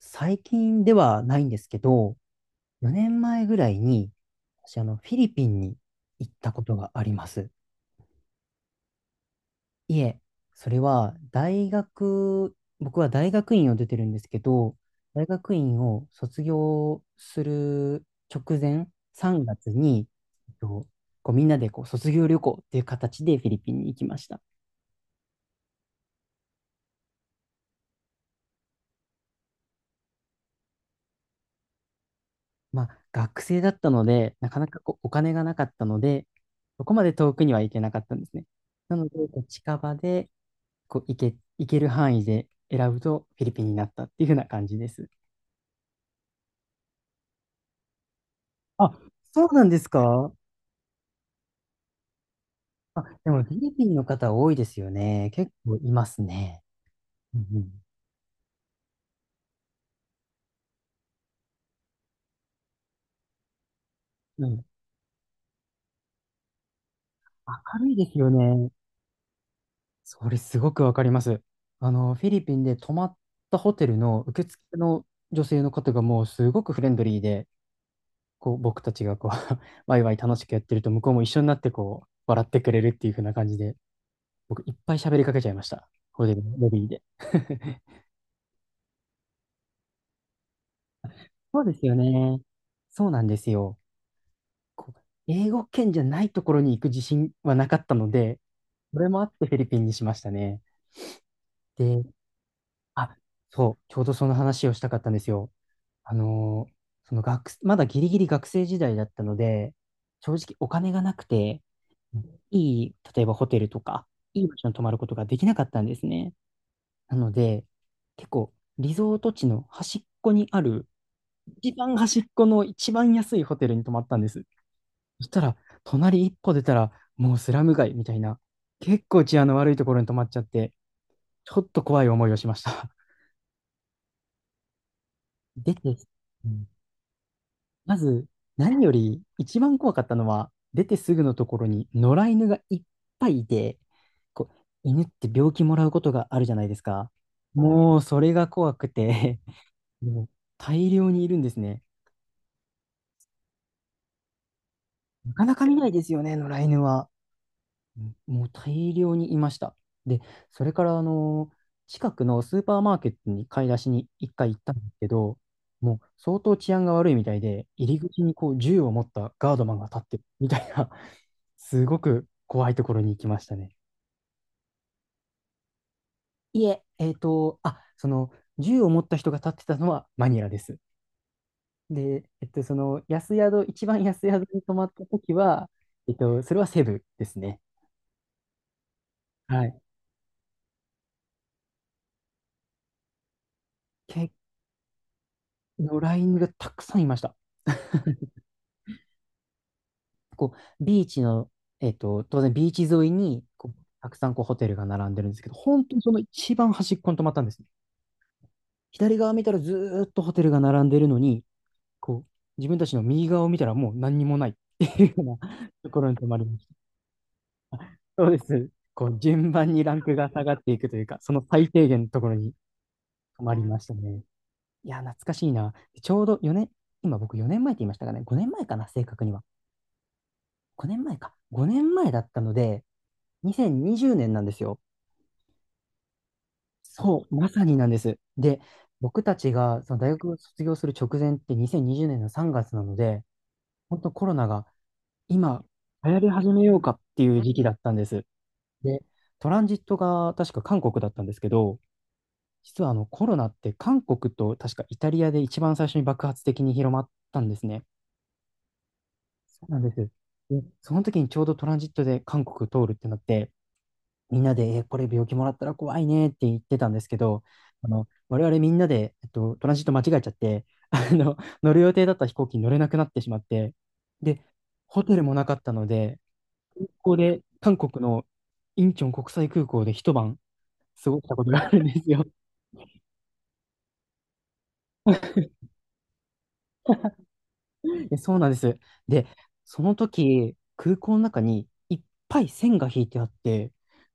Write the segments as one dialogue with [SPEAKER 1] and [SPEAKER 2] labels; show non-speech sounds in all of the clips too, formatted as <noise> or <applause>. [SPEAKER 1] 最近ではないんですけど、4年前ぐらいに、私、フィリピンに行ったことがあります。いえ、それは僕は大学院を出てるんですけど、大学院を卒業する直前、3月に、えっとこうみんなでこう卒業旅行っていう形でフィリピンに行きました。まあ、学生だったので、なかなかこうお金がなかったので、そこまで遠くには行けなかったんですね。なので、こう近場で、行ける範囲で選ぶとフィリピンになったっていう風な感じです。あ、そうなんですか。あ、でもフィリピンの方多いですよね。結構いますね。うんうん。うん、明るいですよね。それすごくわかります。あの、フィリピンで泊まったホテルの受付の女性の方がもうすごくフレンドリーで、こう、僕たちがこう <laughs> ワイワイ楽しくやってると、向こうも一緒になってこう、笑ってくれるっていう風な感じで、僕いっぱい喋りかけちゃいました。ホテルのロビーで。<laughs> そうですよね。そうなんですよ。こう英語圏じゃないところに行く自信はなかったので、それもあってフィリピンにしましたね。で、あ、そう、ちょうどその話をしたかったんですよ。あのーそのまだギリギリ学生時代だったので、正直お金がなくて、い例えばホテルとか、いい場所に泊まることができなかったんですね。なので、結構、リゾート地の端っこにある、一番端っこの一番安いホテルに泊まったんです。そしたら、隣一歩出たら、もうスラム街みたいな、結構治安の悪いところに泊まっちゃって、ちょっと怖い思いをしました。<laughs> 出て、うん、まず、何より一番怖かったのは、出てすぐのところに野良犬がいっぱいいて、こう、犬って病気もらうことがあるじゃないですか。もう、それが怖くて <laughs> もう大量にいるんですね。なかなか見ないですよね、野良犬は。うん、もう大量にいました。で、それからあの近くのスーパーマーケットに買い出しに一回行ったんですけど、もう相当治安が悪いみたいで、入り口にこう銃を持ったガードマンが立ってるみたいな、<laughs> すごく怖いところに行きましたね。いえ、えっと、あ、その銃を持った人が立ってたのはマニラです。で、えっと、その安宿、一番安宿に泊まった時は、えっと、それはセブですね。はい。け、のラインがたくさんいました。こう、ビーチの、えっと、当然ビーチ沿いに、こう、たくさんこうホテルが並んでるんですけど、本当にその一番端っこに泊まったんですね。左側見たらずーっとホテルが並んでるのに、こう、自分たちの右側を見たらもう何にもないっていうような <laughs> ところに泊まりました。そうです。こう、順番にランクが下がっていくというか、その最低限のところに泊まりましたね。いや、懐かしいな。ちょうど4年、今僕4年前って言いましたかね。5年前かな、正確には。5年前か。5年前だったので、2020年なんですよ。そう、まさになんです。で、僕たちがその大学を卒業する直前って2020年の3月なので、本当コロナが今流行り始めようかっていう時期だったんです。で、トランジットが確か韓国だったんですけど、実はあのコロナって韓国と確かイタリアで一番最初に爆発的に広まったんですね。そうなんです。で、その時にちょうどトランジットで韓国通るってなって、みんなで、これ病気もらったら怖いねって言ってたんですけど、あの、我々みんなで、えっと、トランジット間違えちゃって、あの、乗る予定だった飛行機に乗れなくなってしまって、で、ホテルもなかったので、空港で、韓国のインチョン国際空港で一晩過ごしたことがあるんですよ。<laughs> えそうなんです。で、その時、空港の中にいっぱい線が引いてあって、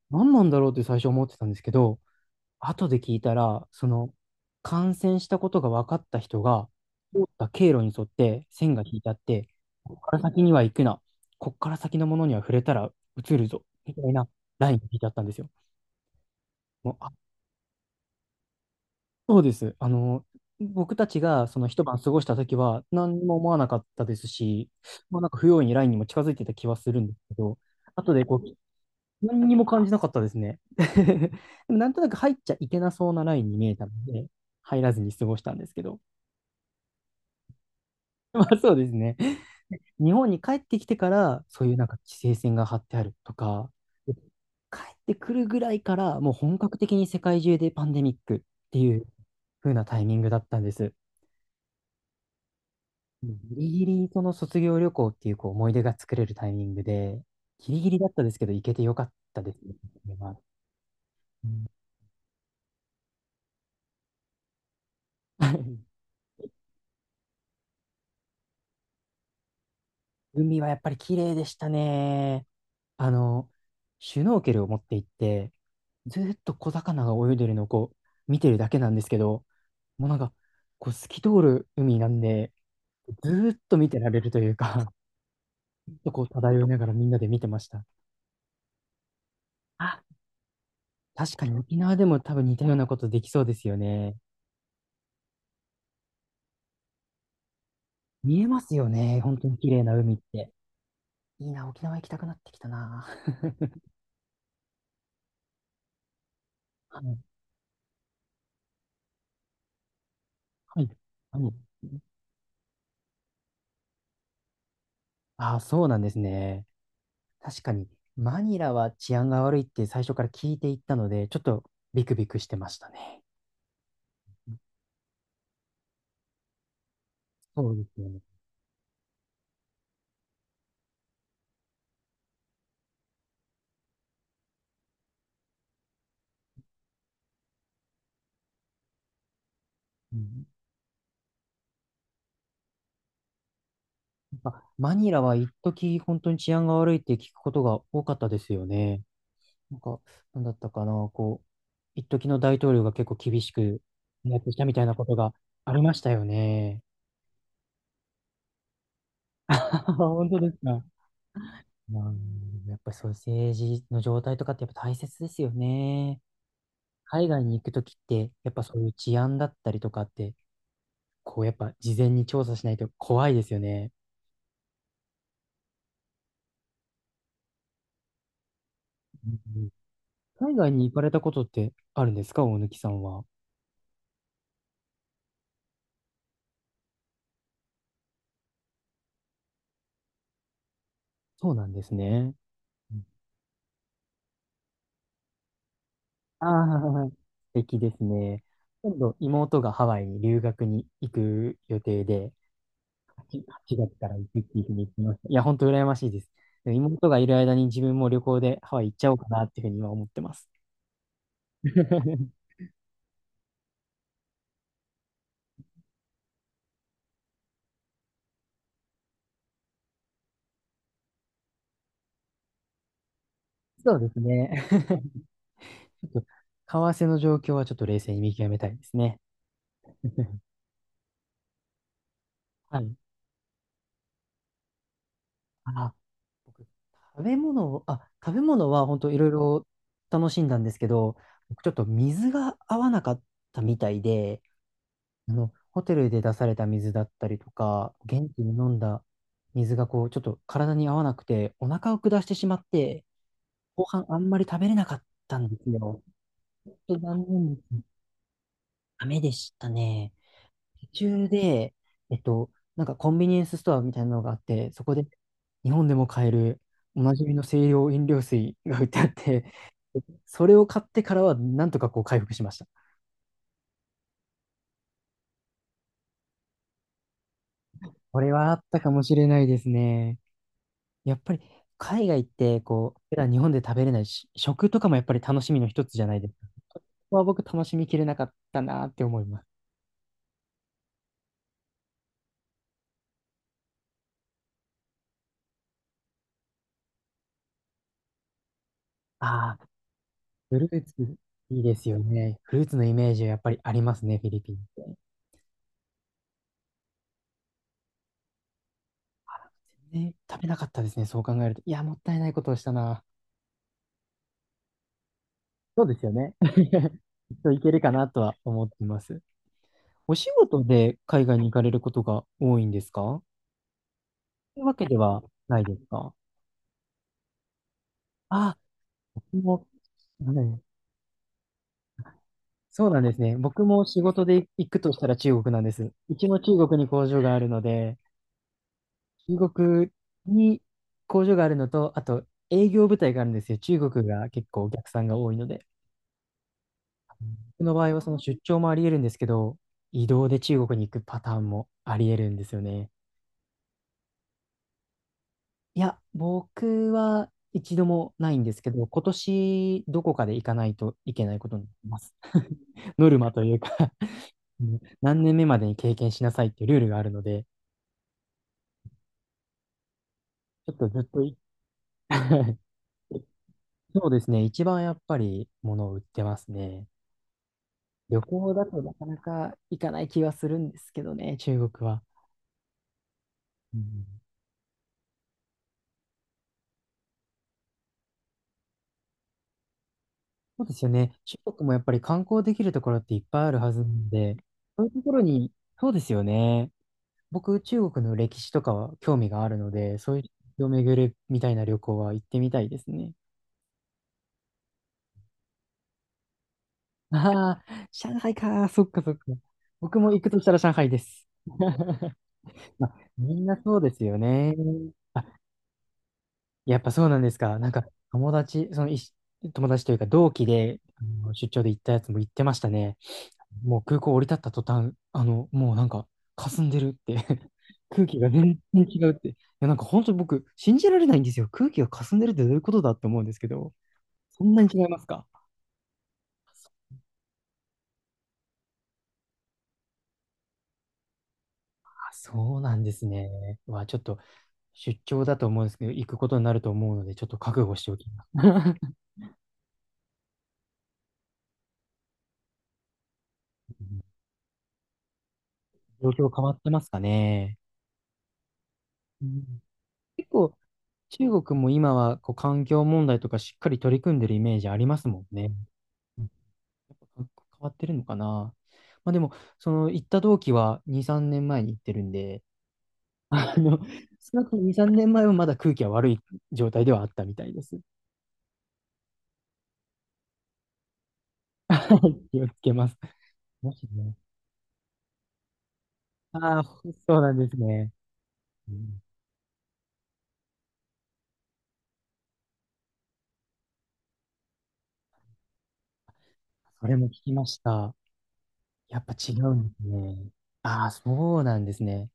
[SPEAKER 1] 何なんだろうって最初思ってたんですけど、後で聞いたら、その、感染したことが分かった人が、通った経路に沿って線が引いてあって、ここから先には行くな、ここから先のものには触れたら移るぞ、みたいなラインが引いてあったんですよ。もう、あ、そうです。あの、僕たちがその一晩過ごした時は何も思わなかったですし、まあ、なんか不用意にラインにも近づいてた気はするんですけど、後でこう聞何にも感じなかったですね。<laughs> でもなんとなく入っちゃいけなそうなラインに見えたので、入らずに過ごしたんですけど。<laughs> まあそうですね。日本に帰ってきてから、そういうなんか規制線が張ってあるとか、帰ってくるぐらいから、もう本格的に世界中でパンデミックっていう風なタイミングだったんです。ギリギリその卒業旅行っていうこう思い出が作れるタイミングで、ギリギリだったですけど、行けてよかったですね。これはうん <laughs> 海はやっぱり綺麗でしたね。あの、シュノーケルを持って行って、ずーっと小魚が泳いでるのをこう見てるだけなんですけど、もうなんか、こう透き通る海なんで、ずーっと見てられるというか、ずっとこう漂いながらみんなで見てました。あ、確かに沖縄でも多分似たようなことできそうですよね。見えますよね。本当に綺麗な海って。いいな、沖縄行きたくなってきたな。<laughs> はい。はい。はい。あ、そうなんですね。確かに、マニラは治安が悪いって最初から聞いていったので、ちょっとビクビクしてましたね。そうですよね。うん、やっぱマニラは一時本当に治安が悪いって聞くことが多かったですよね。なんか、なんだったかな、こう、一時の大統領が結構厳しくやってきたみたいなことがありましたよね。<laughs> 本当ですか。まあ、やっぱりそういう政治の状態とかってやっぱ大切ですよね。海外に行くときって、やっぱそういう治安だったりとかってこう、やっぱ事前に調査しないと怖いですよね。うんうん、海外に行かれたことってあるんですか、大貫さんは。そうなんですね。ああー、素敵ですね。今度、妹がハワイに留学に行く予定で、8、月から行くっていうふうに言ってました。いや、本当羨ましいです。でも妹がいる間に自分も旅行でハワイ行っちゃおうかなっていうふうに今思ってます。<laughs> そうですね。<laughs> ちょっと為替の状況はちょっと冷静に見極めたいですね。<laughs> はい。あ、僕、食べ物は本当いろいろ楽しんだんですけど、僕ちょっと水が合わなかったみたいで、ホテルで出された水だったりとか、現地に飲んだ水がちょっと体に合わなくて、お腹を下してしまって、後半あんまり食べれなかったんですよ。ちょっと残念です。ダメでしたね。途中で、えっと、なんかコンビニエンスストアみたいなのがあって、そこで日本でも買えるおなじみの清涼飲料水が売ってあって、<laughs> それを買ってからはなんとか回復しました。これはあったかもしれないですね。やっぱり海外って普段日本で食べれないし、食とかもやっぱり楽しみの一つじゃないですか。ここは僕楽しみきれなかったなって思います。ああ、フルーツいいですよね。フルーツのイメージはやっぱりありますね、フィリピンって。ね、食べなかったですね、そう考えると。いや、もったいないことをしたな。そうですよね。<laughs> きっといけるかなとは思ってます。お仕事で海外に行かれることが多いんですか？というわけではないですか？あ、もう、ね。そうなんですね。僕も仕事で行くとしたら中国なんです。うちも中国に工場があるので、中国に工場があるのと、あと営業部隊があるんですよ。中国が結構お客さんが多いので。僕の場合はその出張もあり得るんですけど、移動で中国に行くパターンもあり得るんですよね。いや、僕は一度もないんですけど、今年どこかで行かないといけないことになります。<laughs> ノルマというか、うん、 <laughs> 何年目までに経験しなさいっていうルールがあるので、ちょっとずっとい <laughs> そうですね、一番やっぱり物を売ってますね。旅行だとなかなか行かない気はするんですけどね、中国は。うん。そうですよね。中国もやっぱり観光できるところっていっぱいあるはずなんで、そういうところに、そうですよね。僕、中国の歴史とかは興味があるので、そういう歴を巡るみたいな旅行は行ってみたいですね。ああ、上海か。そっかそっか。僕も行くとしたら上海です。<laughs> まあ、みんなそうですよね。やっぱそうなんですか？なんか友達、そのいし友達というか同期で出張で行ったやつも行ってましたね。もう空港降り立った途端、もうなんか、霞んでるって <laughs> 空気が全然違うって。いや、なんか本当に僕、信じられないんですよ。空気が霞んでるってどういうことだって思うんですけど、そんなに違いますか？あ、そうなんですね。は、ちょっと出張だと思うんですけど、行くことになると思うので、ちょっと覚悟しておきます。<laughs> うん。状況変わってますかね？うん。結構、中国も今は環境問題とかしっかり取り組んでるイメージありますもんね。変わってるのかな。まあでも、その行った同期は2、3年前に行ってるんで、あの、少なくとも2、3年前はまだ空気は悪い状態ではあったみたいです。<laughs> 気をつけます。もしね。ああ、そうなんですね。うん、それも聞きました。やっぱ違うんですね。ああ、そうなんですね。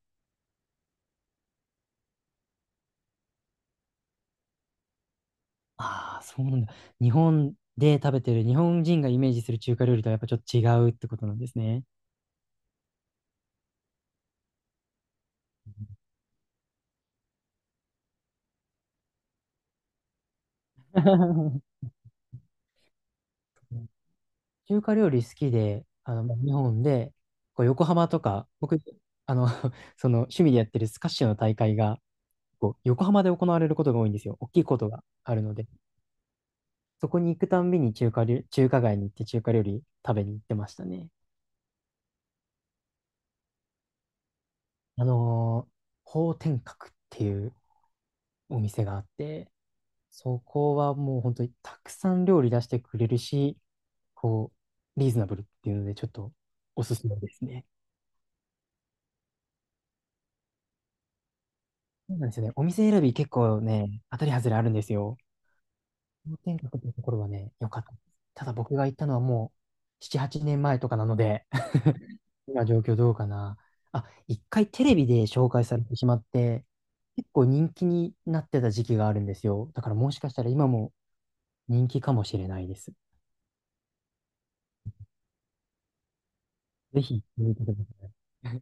[SPEAKER 1] ああ、そうなんだ。日本で食べてる、日本人がイメージする中華料理とはやっぱちょっと違うってことなんですね。<laughs> 中華料理好きで、まあ日本で、横浜とか、僕、あの、<laughs> その趣味でやってるスカッシュの大会が、横浜で行われることが多いんですよ。大きいことがあるので、そこに行くたんびに中華街に行って中華料理食べに行ってましたね。あの方天閣っていうお店があって、そこはもう本当にたくさん料理出してくれるし、こリーズナブルっていうので、ちょっとおすすめですね。そうなんですよね。お店選び結構ね、当たり外れあるんですよ。氷点下っていうところはね、良かったです。ただ僕が行ったのはもう7、8年前とかなので <laughs> 今状況どうかな。あ、一回テレビで紹介されてしまって、結構人気になってた時期があるんですよ。だからもしかしたら今も人気かもしれないです。ぜひ見てください。<laughs>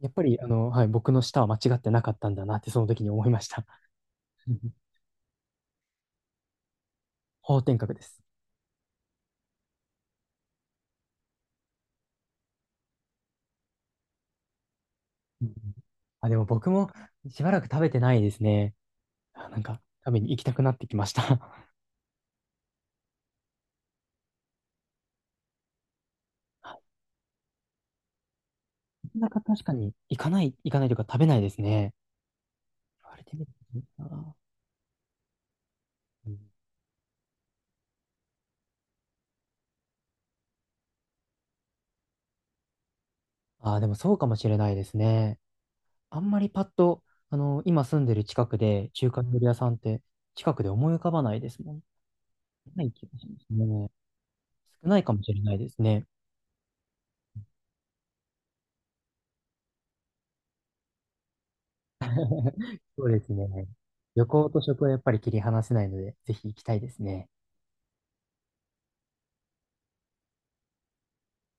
[SPEAKER 1] やっぱり、はい、僕の舌は間違ってなかったんだなってその時に思いました。<laughs> 方天閣です。うんうん。あ、でも僕もしばらく食べてないですね。あ、なんか食べに行きたくなってきました。<laughs> なかなか確かに行かない、行かないというか食べないですね。言われてみるとな。うん。あ、でもそうかもしれないですね。あんまりパッと、今住んでる近くで中華料理屋さんって近くで思い浮かばないですもん。ない気がしますね。少ないかもしれないですね。<laughs> そうですね。旅行と食はやっぱり切り離せないので、ぜひ行きたいですね。